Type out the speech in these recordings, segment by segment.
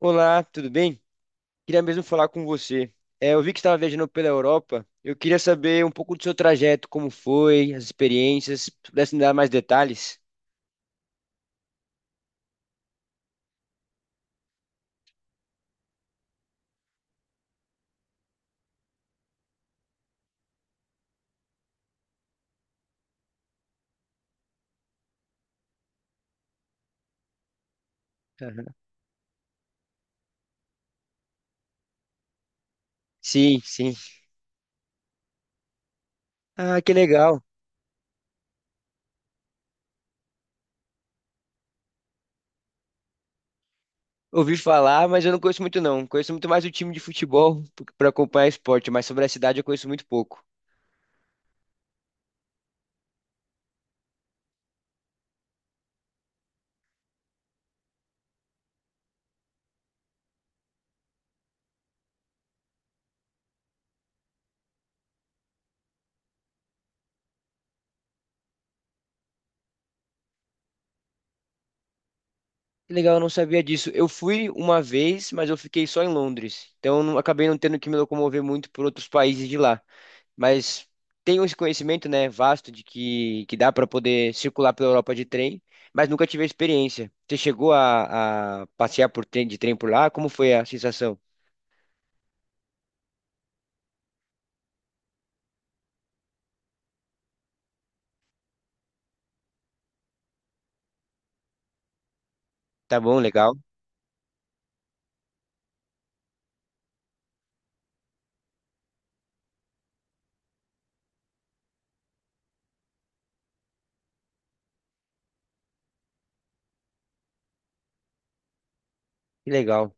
Olá, tudo bem? Queria mesmo falar com você. É, eu vi que estava viajando pela Europa. Eu queria saber um pouco do seu trajeto, como foi, as experiências. Se pudesse me dar mais detalhes? Aham. Sim, sim. Ah, que legal. Ouvi falar, mas eu não conheço muito não. Conheço muito mais o time de futebol para acompanhar esporte, mas sobre a cidade eu conheço muito pouco. Que legal, eu não sabia disso. Eu fui uma vez, mas eu fiquei só em Londres. Então eu não- acabei não tendo que me locomover muito por outros países de lá. Mas tenho esse conhecimento, né, vasto de que dá para poder circular pela Europa de trem, mas nunca tive a experiência. Você chegou a passear por trem, de trem por lá? Como foi a sensação? Tá bom, legal. Que legal.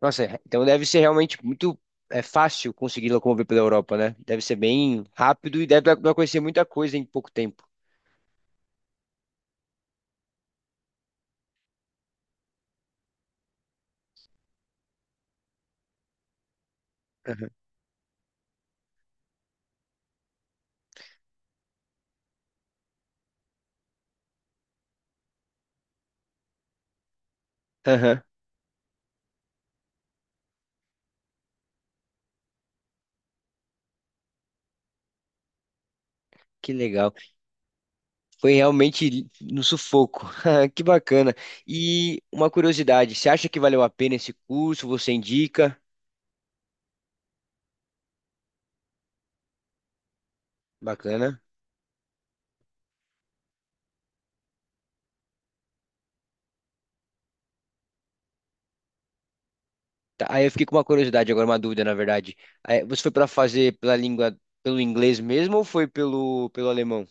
Nossa, então deve ser realmente muito é, fácil conseguir locomover pela Europa, né? Deve ser bem rápido e deve dar pra conhecer muita coisa em pouco tempo. Aham. Aham. Que legal. Foi realmente no sufoco. Que bacana. E uma curiosidade, você acha que valeu a pena esse curso? Você indica? Bacana. Tá, aí eu fiquei com uma curiosidade, agora uma dúvida, na verdade. Aí, você foi para fazer pela língua, pelo inglês mesmo ou foi pelo alemão?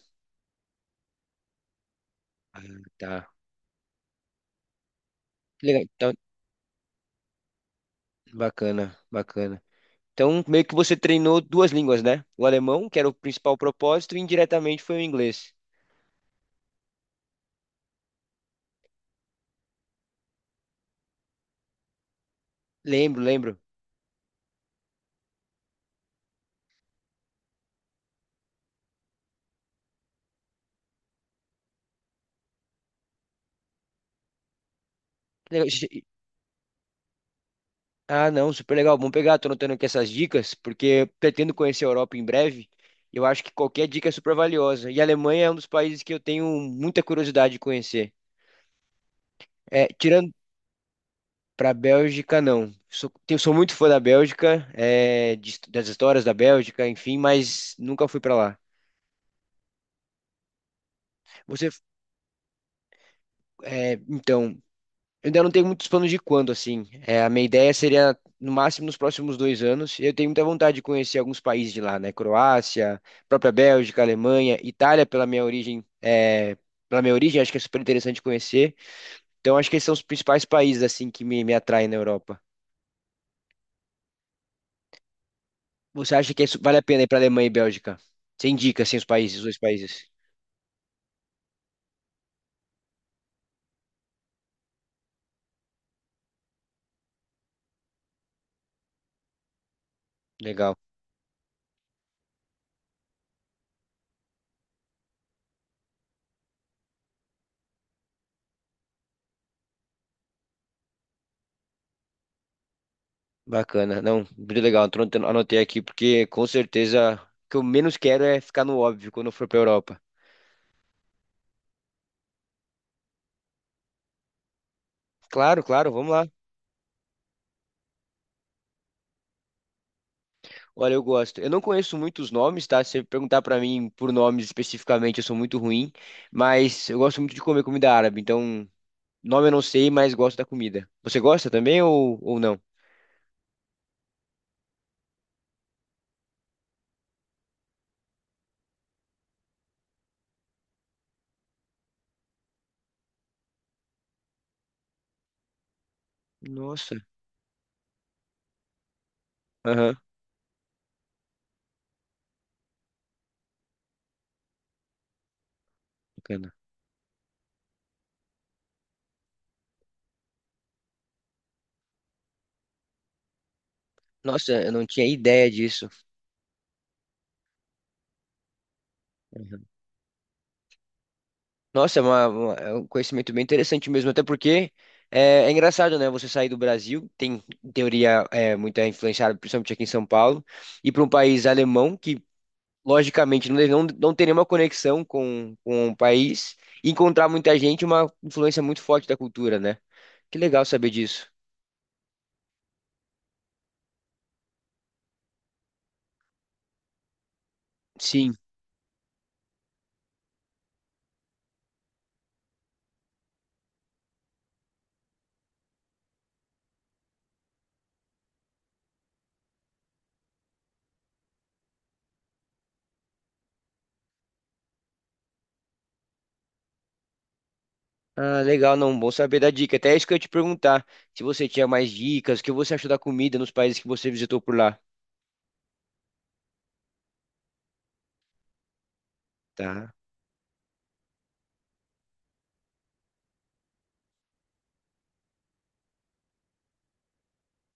Ah, tá. Que Legal. Então, bacana, bacana. Então, meio que você treinou duas línguas, né? O alemão, que era o principal propósito, e indiretamente foi o inglês. Lembro, lembro. Que legal. Ah, não, super legal. Vamos pegar, tô anotando aqui essas dicas, porque eu pretendo conhecer a Europa em breve. E eu acho que qualquer dica é super valiosa. E a Alemanha é um dos países que eu tenho muita curiosidade de conhecer. É, tirando. Para a Bélgica, não. Sou, eu sou muito fã da Bélgica, é, das histórias da Bélgica, enfim, mas nunca fui para lá. Você, é, então, eu ainda não tenho muitos planos de quando, assim. É, a minha ideia seria, no máximo, nos próximos 2 anos. Eu tenho muita vontade de conhecer alguns países de lá, né? Croácia, própria Bélgica, Alemanha, Itália, pela minha origem, é, pela minha origem, acho que é super interessante conhecer. Então, acho que esses são os principais países, assim, que me atraem na Europa. Você acha que isso vale a pena ir para Alemanha e Bélgica? Você indica, assim, os países, os dois países. Legal, bacana. Não, muito legal. Tô anotando. Anotei aqui, porque com certeza o que eu menos quero é ficar no óbvio quando eu for para Europa. Claro, claro, vamos lá. Olha, eu gosto. Eu não conheço muitos nomes, tá? Se você perguntar para mim por nomes especificamente, eu sou muito ruim, mas eu gosto muito de comer comida árabe, então nome eu não sei, mas gosto da comida. Você gosta também ou não? Nossa. Aham, bacana. Nossa, eu não tinha ideia disso. Nossa, é, é um conhecimento bem interessante mesmo, até porque é, é engraçado, né? Você sair do Brasil, tem, em teoria, é, muita influenciada, principalmente aqui em São Paulo, e para um país alemão que, logicamente, não, não, não tem nenhuma conexão com o país, e encontrar muita gente, é uma influência muito forte da cultura, né? Que legal saber disso. Sim. Ah, legal, não, bom saber da dica. Até isso que eu ia te perguntar, se você tinha mais dicas, o que você achou da comida nos países que você visitou por lá. Tá.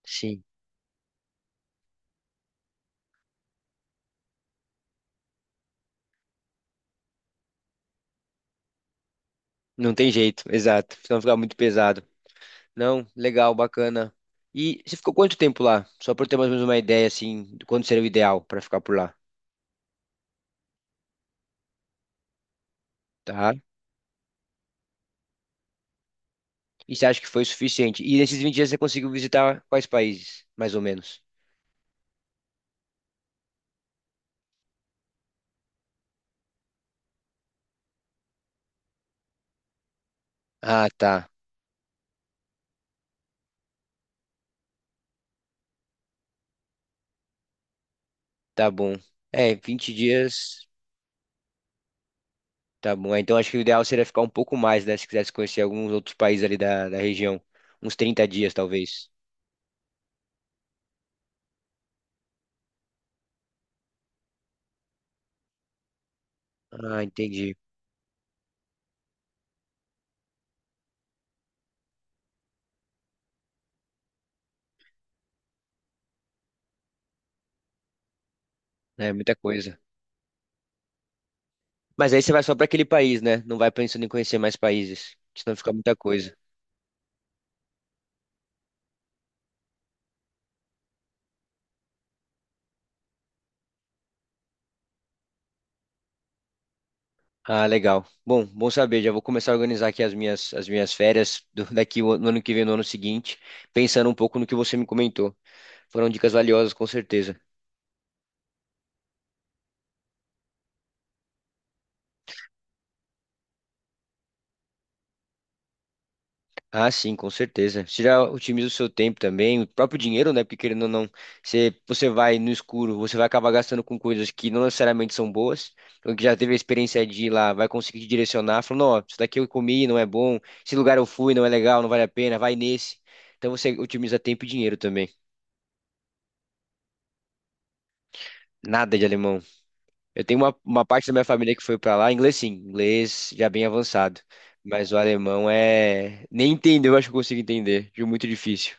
Sim. Não tem jeito, exato. Senão fica muito pesado. Não, legal, bacana. E você ficou quanto tempo lá? Só para ter mais ou menos uma ideia, assim, de quando seria o ideal para ficar por lá, tá? E você acha que foi suficiente? E nesses 20 dias você conseguiu visitar quais países, mais ou menos? Ah, tá. Tá bom. É, 20 dias. Tá bom. É, então acho que o ideal seria ficar um pouco mais, né? Se quisesse conhecer alguns outros países ali da região. Uns 30 dias, talvez. Ah, entendi. É muita coisa. Mas aí você vai só para aquele país, né? Não vai pensando em conhecer mais países, senão fica muita coisa. Ah, legal. Bom, bom saber. Já vou começar a organizar aqui as minhas férias daqui, no ano que vem, no ano seguinte, pensando um pouco no que você me comentou. Foram dicas valiosas, com certeza. Ah, sim, com certeza. Você já otimiza o seu tempo também, o próprio dinheiro, né? Porque querendo ou não, você vai no escuro, você vai acabar gastando com coisas que não necessariamente são boas. Então, que já teve a experiência de ir lá, vai conseguir te direcionar, falando, ó, isso daqui eu comi, não é bom, esse lugar eu fui, não é legal, não vale a pena, vai nesse. Então você otimiza tempo e dinheiro também. Nada de alemão. Eu tenho uma parte da minha família que foi pra lá, inglês sim, inglês já bem avançado. Mas o alemão é. Nem entendeu, acho que eu consigo entender. Viu? Muito difícil.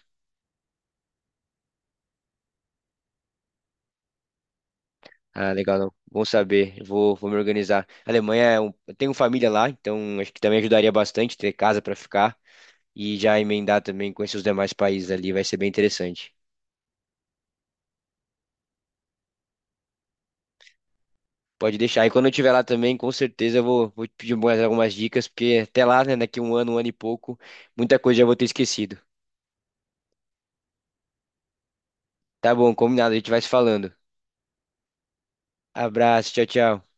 Ah, legal, não. Bom saber. Vou me organizar. A Alemanha, é um- eu tenho família lá, então acho que também ajudaria bastante ter casa para ficar e já emendar também com esses demais países ali, vai ser bem interessante. Pode deixar. E quando eu estiver lá também, com certeza eu vou te pedir mais algumas dicas, porque até lá, né, daqui um ano e pouco, muita coisa já vou ter esquecido. Tá bom, combinado, a gente vai se falando. Abraço, tchau, tchau.